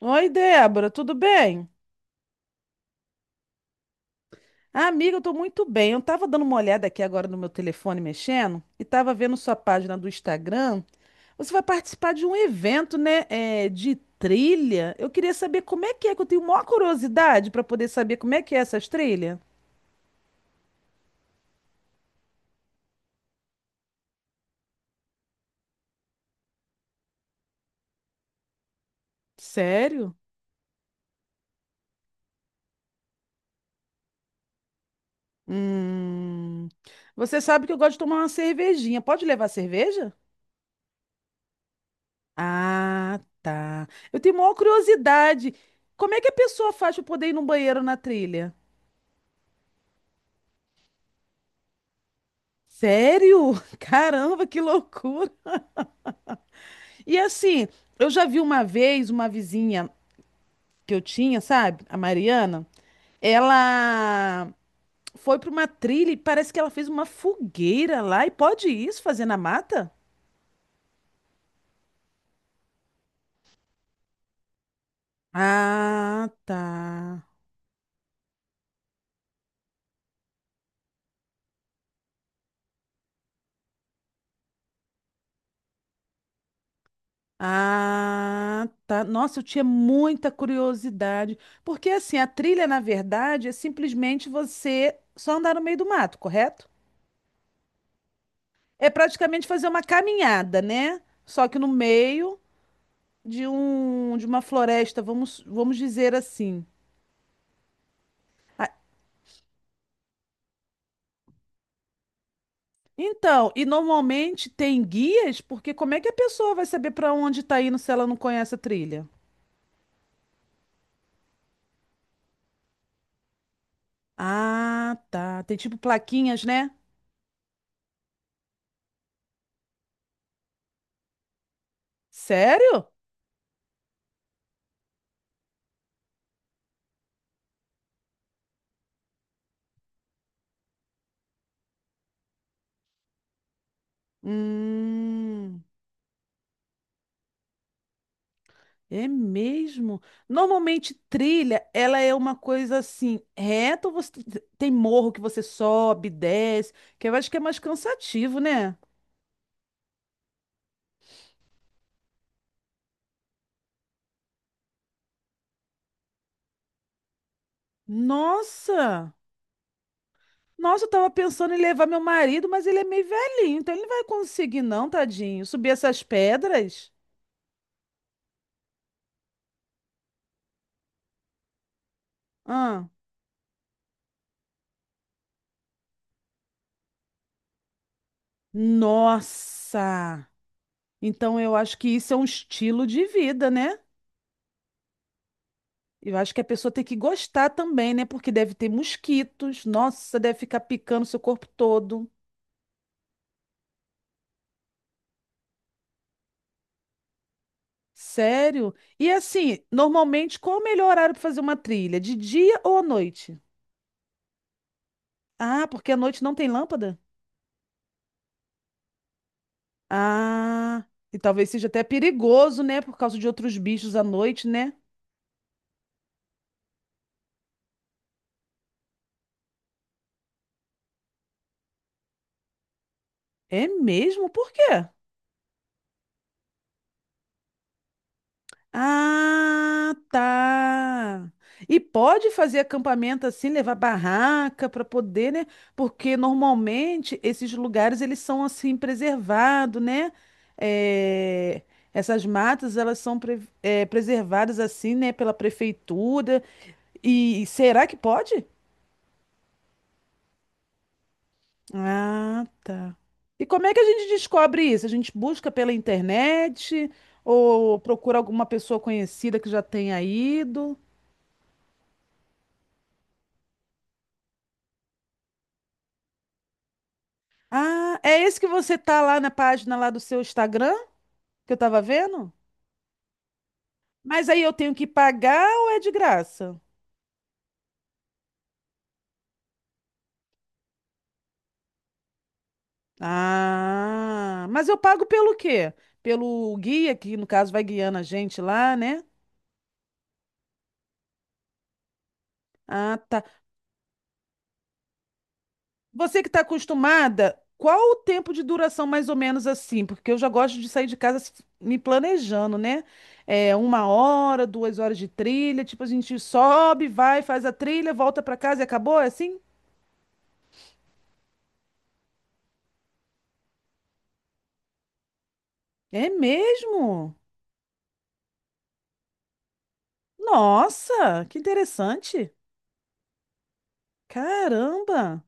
Oi, Débora, tudo bem? Ah, amiga, eu tô muito bem. Eu tava dando uma olhada aqui agora no meu telefone mexendo e tava vendo sua página do Instagram. Você vai participar de um evento, né, de trilha. Eu queria saber como é, que eu tenho maior curiosidade para poder saber como é que é essas trilhas. Sério? Hum. Você sabe que eu gosto de tomar uma cervejinha. Pode levar cerveja? Ah, tá. Eu tenho maior curiosidade. Como é que a pessoa faz para poder ir no banheiro na trilha? Sério? Caramba, que loucura! E assim, eu já vi uma vez uma vizinha que eu tinha, sabe? A Mariana. Ela foi para uma trilha e parece que ela fez uma fogueira lá. E pode isso fazer na mata? Ah, tá. Ah, tá. Nossa, eu tinha muita curiosidade. Porque assim, a trilha, na verdade, é simplesmente você só andar no meio do mato, correto? É praticamente fazer uma caminhada, né? Só que no meio de um de uma floresta, vamos dizer assim. Ah, então, e normalmente tem guias, porque como é que a pessoa vai saber para onde tá indo se ela não conhece a trilha? Ah, tá. Tem tipo plaquinhas, né? Sério? Hum, é mesmo. Normalmente trilha, ela é uma coisa assim, reta ou você tem morro que você sobe, desce, que eu acho que é mais cansativo, né? Nossa! Nossa, eu tava pensando em levar meu marido, mas ele é meio velhinho, então ele não vai conseguir, não, tadinho. Subir essas pedras? Ah, nossa! Então eu acho que isso é um estilo de vida, né? Eu acho que a pessoa tem que gostar também, né? Porque deve ter mosquitos. Nossa, deve ficar picando seu corpo todo. Sério? E assim, normalmente, qual o melhor horário para fazer uma trilha? De dia ou à noite? Ah, porque à noite não tem lâmpada? Ah, e talvez seja até perigoso, né? Por causa de outros bichos à noite, né? É mesmo? Por quê? Ah, tá. E pode fazer acampamento assim, levar barraca para poder, né? Porque normalmente esses lugares eles são assim preservados, né? É, essas matas elas são preservadas assim, né? Pela prefeitura. E será que pode? Ah, tá. E como é que a gente descobre isso? A gente busca pela internet ou procura alguma pessoa conhecida que já tenha ido? Ah, é esse que você tá lá na página lá do seu Instagram que eu tava vendo? Mas aí eu tenho que pagar ou é de graça? Ah, mas eu pago pelo quê? Pelo guia que no caso vai guiando a gente lá, né? Ah, tá. Você que está acostumada, qual o tempo de duração mais ou menos assim? Porque eu já gosto de sair de casa me planejando, né? É 1 hora, 2 horas de trilha, tipo, a gente sobe, vai, faz a trilha, volta para casa e acabou, é assim? É mesmo? Nossa, que interessante! Caramba!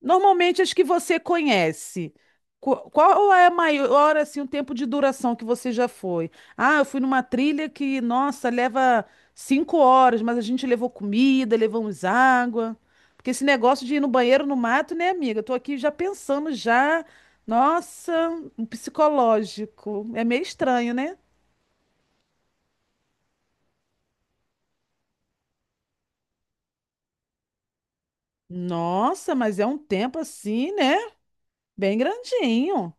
Normalmente as que você conhece. Qual é a maior, assim, o tempo de duração que você já foi? Ah, eu fui numa trilha que, nossa, leva 5 horas, mas a gente levou comida, levamos água. Porque esse negócio de ir no banheiro no mato, né, amiga? Eu tô aqui já pensando já, nossa, um psicológico. É meio estranho, né? Nossa, mas é um tempo assim, né? Bem grandinho.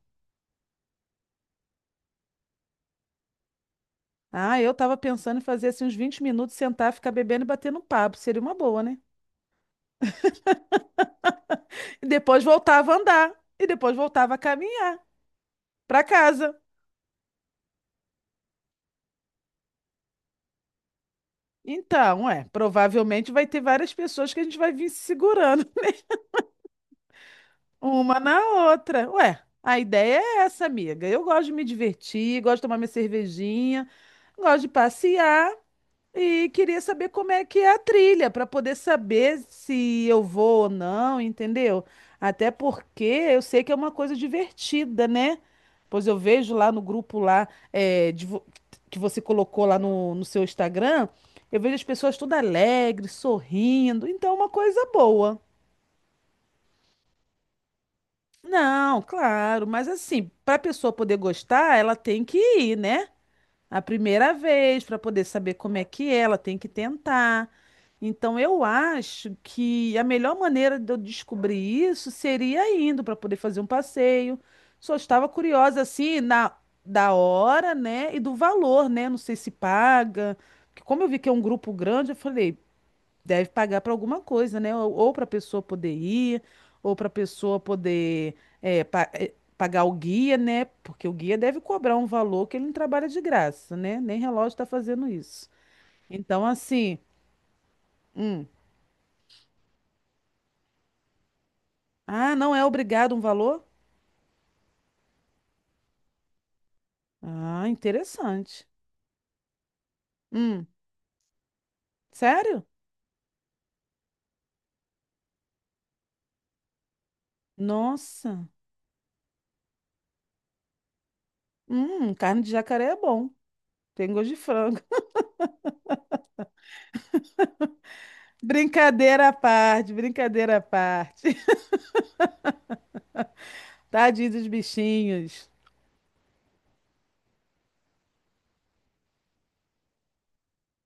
Ah, eu tava pensando em fazer assim uns 20 minutos, sentar, ficar bebendo e batendo um papo. Seria uma boa, né? E depois voltava a andar. E depois voltava a caminhar pra casa. Então, é, provavelmente vai ter várias pessoas que a gente vai vir se segurando uma na outra. Ué, a ideia é essa, amiga. Eu gosto de me divertir, gosto de tomar minha cervejinha, gosto de passear. E queria saber como é que é a trilha, para poder saber se eu vou ou não, entendeu? Até porque eu sei que é uma coisa divertida, né? Pois eu vejo lá no grupo lá que você colocou lá no seu Instagram, eu vejo as pessoas todas alegres, sorrindo, então é uma coisa boa. Não, claro, mas assim, para a pessoa poder gostar, ela tem que ir, né? A primeira vez para poder saber como é que é, ela tem que tentar. Então eu acho que a melhor maneira de eu descobrir isso seria indo para poder fazer um passeio. Só estava curiosa assim na da hora, né, e do valor, né? Não sei se paga. Porque como eu vi que é um grupo grande, eu falei, deve pagar para alguma coisa, né? Ou para a pessoa poder ir, ou para a pessoa poder pagar o guia, né? Porque o guia deve cobrar um valor que ele não trabalha de graça, né? Nem relógio está fazendo isso. Então, assim, hum. Ah, não é obrigado um valor? Ah, interessante. Hum, sério? Nossa. Carne de jacaré é bom. Tem gosto de frango. Brincadeira à parte, brincadeira à parte. Tadinho dos bichinhos.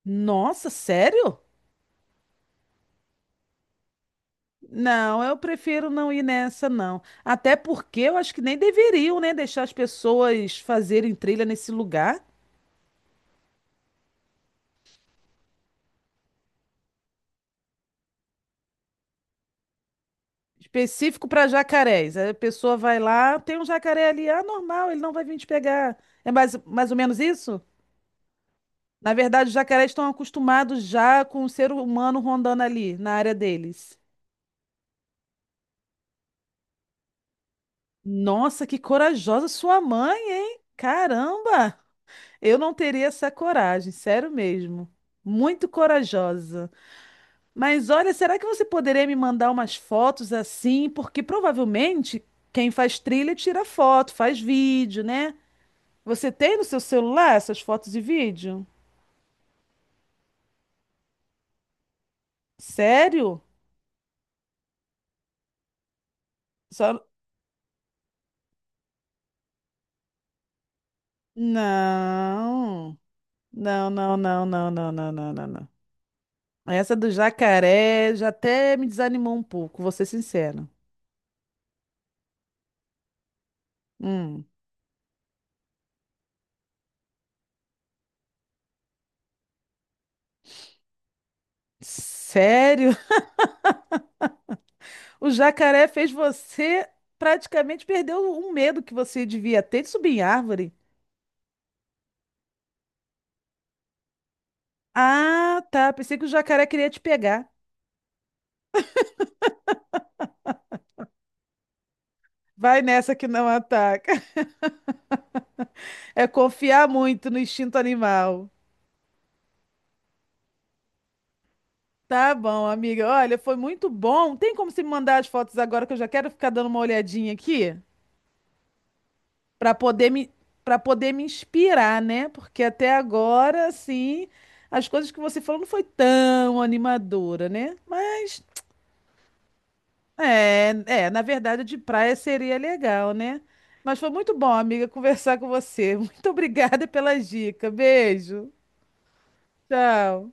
Nossa, sério? Não, eu prefiro não ir nessa, não. Até porque eu acho que nem deveriam, né, deixar as pessoas fazerem trilha nesse lugar específico para jacarés. Aí a pessoa vai lá, tem um jacaré ali, ah, normal, ele não vai vir te pegar. É mais, mais ou menos isso? Na verdade, os jacarés estão acostumados já com o ser humano rondando ali, na área deles. Nossa, que corajosa sua mãe, hein? Caramba! Eu não teria essa coragem, sério mesmo. Muito corajosa. Mas olha, será que você poderia me mandar umas fotos assim? Porque provavelmente quem faz trilha tira foto, faz vídeo, né? Você tem no seu celular essas fotos e vídeo? Sério? Só... Não. Não, não, não, não, não, não, não, não, não. Essa do jacaré já até me desanimou um pouco, vou ser sincera. Hum. Sério? O jacaré fez você praticamente perder o medo que você devia ter de subir em árvore. Ah, tá. Pensei que o jacaré queria te pegar. Vai nessa que não ataca. É confiar muito no instinto animal. Tá bom, amiga. Olha, foi muito bom. Tem como você me mandar as fotos agora que eu já quero ficar dando uma olhadinha aqui para poder me para poder me inspirar, né? Porque até agora, assim, as coisas que você falou não foi tão animadora, né? Mas é, é, na verdade, de praia seria legal, né? Mas foi muito bom, amiga, conversar com você. Muito obrigada pelas dicas. Beijo. Tchau.